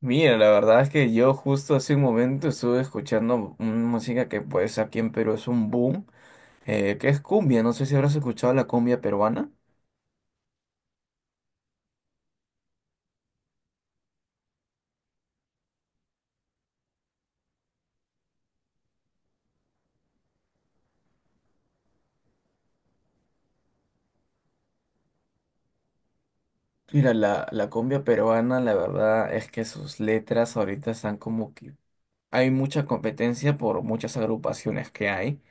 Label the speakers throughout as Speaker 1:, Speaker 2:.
Speaker 1: Mira, la verdad es que yo justo hace un momento estuve escuchando una música que pues aquí en Perú es un boom, que es cumbia, no sé si habrás escuchado la cumbia peruana. Mira, la cumbia peruana, la verdad es que sus letras ahorita están como que hay mucha competencia por muchas agrupaciones que hay,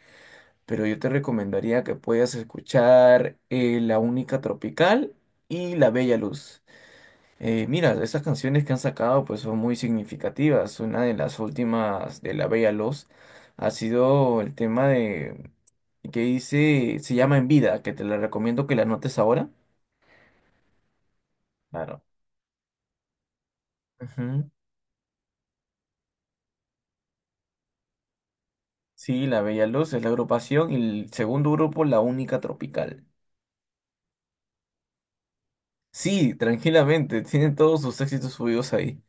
Speaker 1: pero yo te recomendaría que puedas escuchar La Única Tropical y La Bella Luz. Mira, estas canciones que han sacado pues son muy significativas. Una de las últimas de La Bella Luz ha sido el tema de que dice, se llama En Vida, que te la recomiendo que la anotes ahora. Claro. Ujú. Sí, La Bella Luz es la agrupación y el segundo grupo, La Única Tropical. Sí, tranquilamente, tienen todos sus éxitos subidos ahí.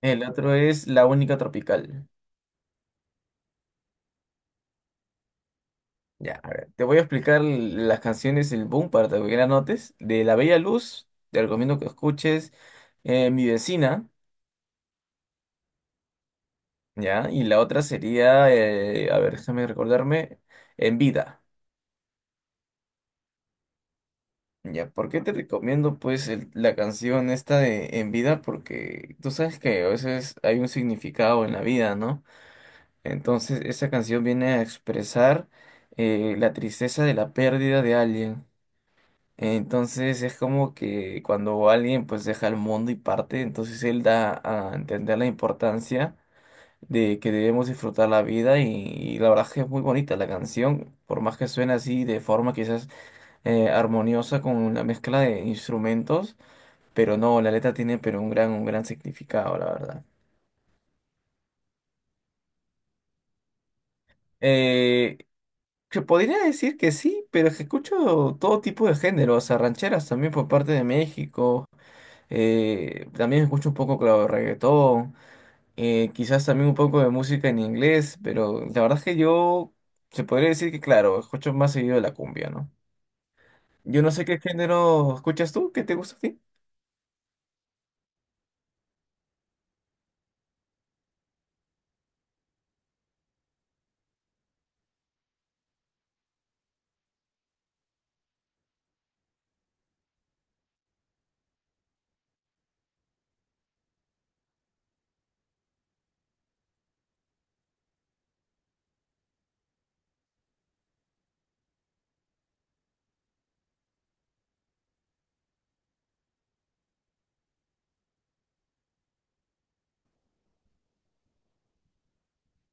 Speaker 1: El otro es La Única Tropical. Ya, a ver, te voy a explicar las canciones del boom para que la notes. De La Bella Luz, te recomiendo que escuches Mi Vecina, ¿ya? Y la otra sería, a ver, déjame recordarme, En Vida. ¿Ya? ¿Por qué te recomiendo pues la canción esta de En Vida? Porque tú sabes que a veces hay un significado en la vida, ¿no? Entonces esa canción viene a expresar la tristeza de la pérdida de alguien. Entonces es como que cuando alguien pues deja el mundo y parte, entonces él da a entender la importancia de que debemos disfrutar la vida y la verdad es que es muy bonita la canción, por más que suene así de forma quizás armoniosa con una mezcla de instrumentos, pero no, la letra tiene pero un gran significado, la verdad. Eh, que podría decir que sí, pero es que escucho todo tipo de género, o sea, rancheras también por parte de México. También escucho un poco, claro, de reggaetón, quizás también un poco de música en inglés, pero la verdad es que yo se podría decir que, claro, escucho más seguido la cumbia, ¿no? Yo no sé qué género escuchas tú, ¿qué te gusta a ti?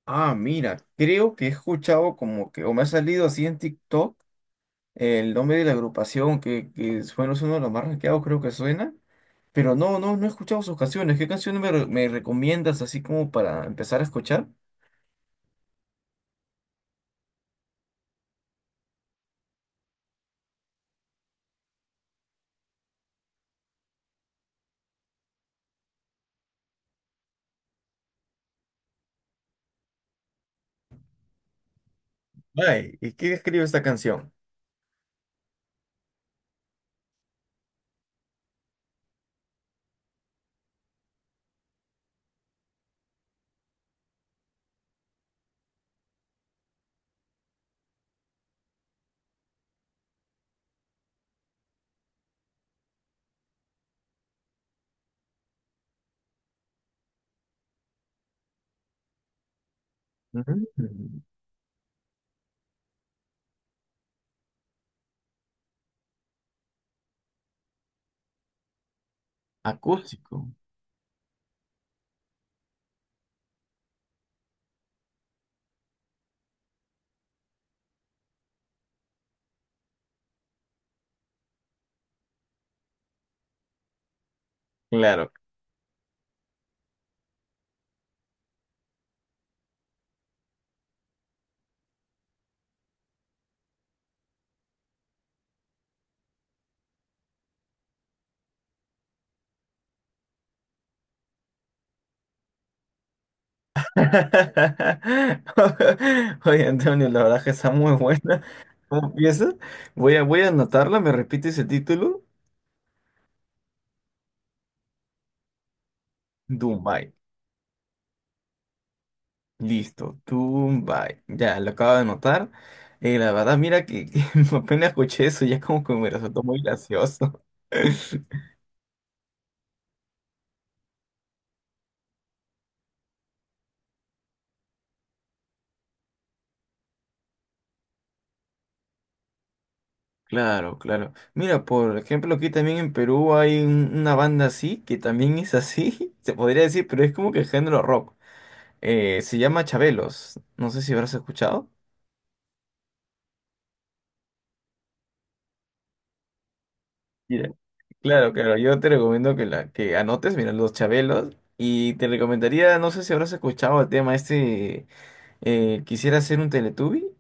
Speaker 1: Ah, mira, creo que he escuchado como que, o me ha salido así en TikTok, el nombre de la agrupación que bueno, es uno de los más rankeados, creo que suena, pero no, no, no he escuchado sus canciones. ¿Qué canciones me recomiendas así como para empezar a escuchar? Ay, ¿y quién escribe esta canción? Mm, acústico. Claro. Oye, Antonio, la verdad que está muy buena. ¿Cómo empieza? Voy a anotarla, me repites el título. Dubai. Listo, Dubai. Ya, lo acabo de anotar. La verdad, mira que apenas escuché eso, ya como que me resultó muy gracioso. Claro, claro. Mira, por ejemplo, aquí también en Perú hay una banda así, que también es así, se podría decir, pero es como que género rock. Se llama Chabelos. No sé si habrás escuchado. Mira, claro, claro. Yo te recomiendo que anotes, mira, los Chabelos. Y te recomendaría, no sé si habrás escuchado el tema este, quisiera ser un Teletubby.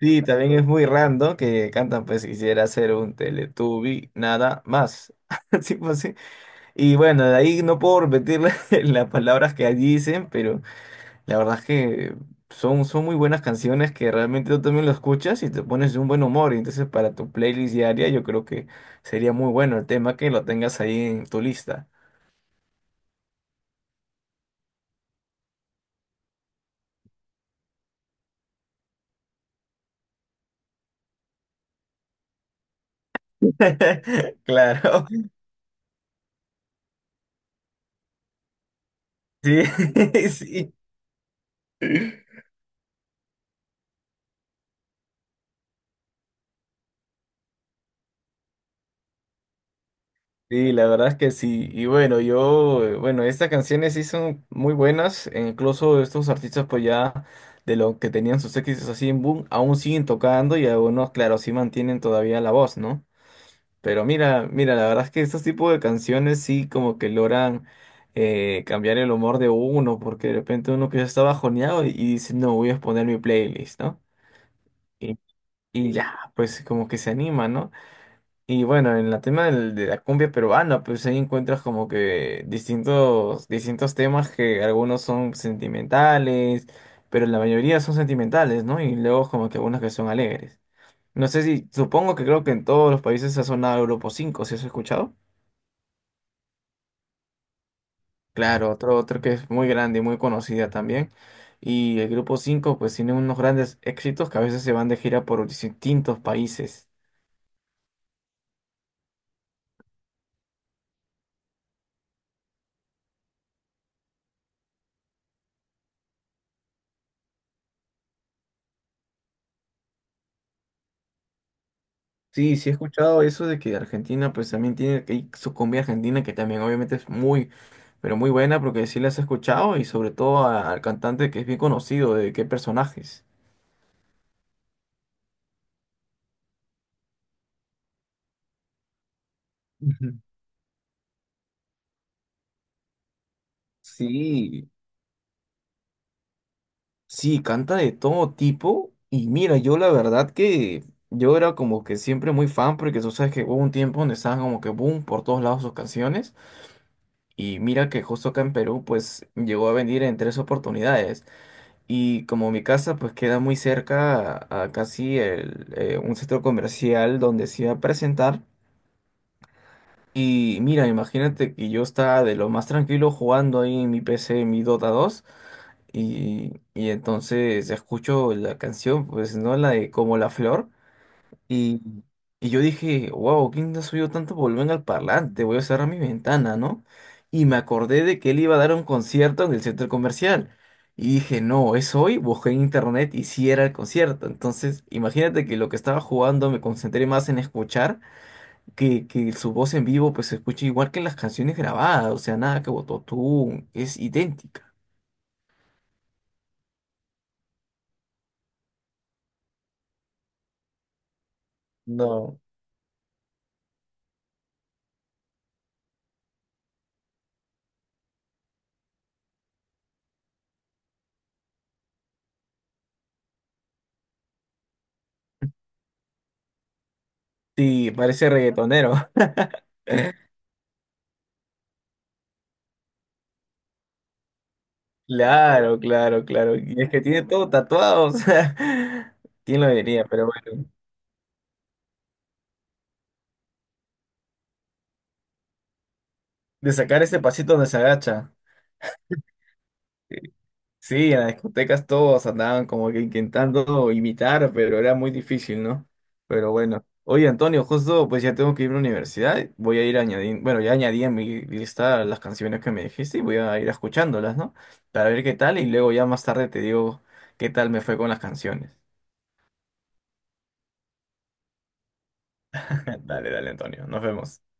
Speaker 1: Sí, también es muy random que cantan, pues quisiera ser un Teletubby, nada más. Así pues, sí. Y bueno, de ahí no puedo repetir las palabras que dicen, pero... La verdad es que son muy buenas canciones que realmente tú también lo escuchas y te pones de un buen humor. Y entonces para tu playlist diaria yo creo que sería muy bueno el tema que lo tengas ahí en tu lista. Claro, sí, sí. Sí, la verdad es que sí. Y bueno, yo, bueno, estas canciones sí son muy buenas. E incluso estos artistas pues ya de lo que tenían sus éxitos así en boom, aún siguen tocando y algunos, claro, sí mantienen todavía la voz, ¿no? Pero mira, mira, la verdad es que estos tipos de canciones sí como que logran cambiar el humor de uno, porque de repente uno que ya está bajoneado y dice, no, voy a poner mi playlist, ¿no? Y, y ya, pues como que se anima, ¿no? Y bueno, en la tema de la cumbia peruana, pues ahí encuentras como que distintos temas que algunos son sentimentales, pero la mayoría son sentimentales, ¿no? Y luego como que algunos que son alegres. No sé si, supongo que creo que en todos los países ha sonado Grupo 5, ¿si has escuchado? Claro, otro, otro que es muy grande y muy conocida también. Y el grupo 5, pues tiene unos grandes éxitos que a veces se van de gira por distintos países. Sí, sí he escuchado eso de que Argentina pues también tiene que hay su cumbia argentina que también obviamente es muy, pero muy buena porque sí las he escuchado y sobre todo al cantante que es bien conocido de qué personajes. Ujú. Sí, sí, canta de todo tipo. Y mira, yo la verdad que yo era como que siempre muy fan, porque tú sabes que hubo un tiempo donde estaban como que boom por todos lados sus canciones. Y mira que justo acá en Perú, pues llegó a venir en tres oportunidades. Y como mi casa, pues queda muy cerca a casi el, un centro comercial donde se iba a presentar. Y mira, imagínate que yo estaba de lo más tranquilo jugando ahí en mi PC, en mi Dota 2. Y entonces escucho la canción, pues, ¿no? La de Como la Flor. Y, y yo dije, wow, ¿quién ha subido tanto volumen al parlante? Voy a cerrar mi ventana, ¿no? Y me acordé de que él iba a dar un concierto en el centro comercial. Y dije, no, es hoy. Busqué en internet y sí era el concierto. Entonces, imagínate que lo que estaba jugando me concentré más en escuchar que su voz en vivo, pues se escucha igual que en las canciones grabadas. O sea, nada que Bototún, es idéntica. No. Sí, parece reggaetonero. Claro, claro, claro. Y es que tiene todo tatuado, o sea, ¿quién lo diría? Pero bueno, de sacar ese pasito donde se agacha. Sí, en las discotecas todos andaban como que intentando imitar, pero era muy difícil, ¿no? Pero bueno. Oye, Antonio, justo pues ya tengo que ir a la universidad. Voy a ir añadiendo, bueno, ya añadí en mi lista las canciones que me dijiste y voy a ir escuchándolas, ¿no? Para ver qué tal y luego ya más tarde te digo qué tal me fue con las canciones. Dale, dale, Antonio. Nos vemos.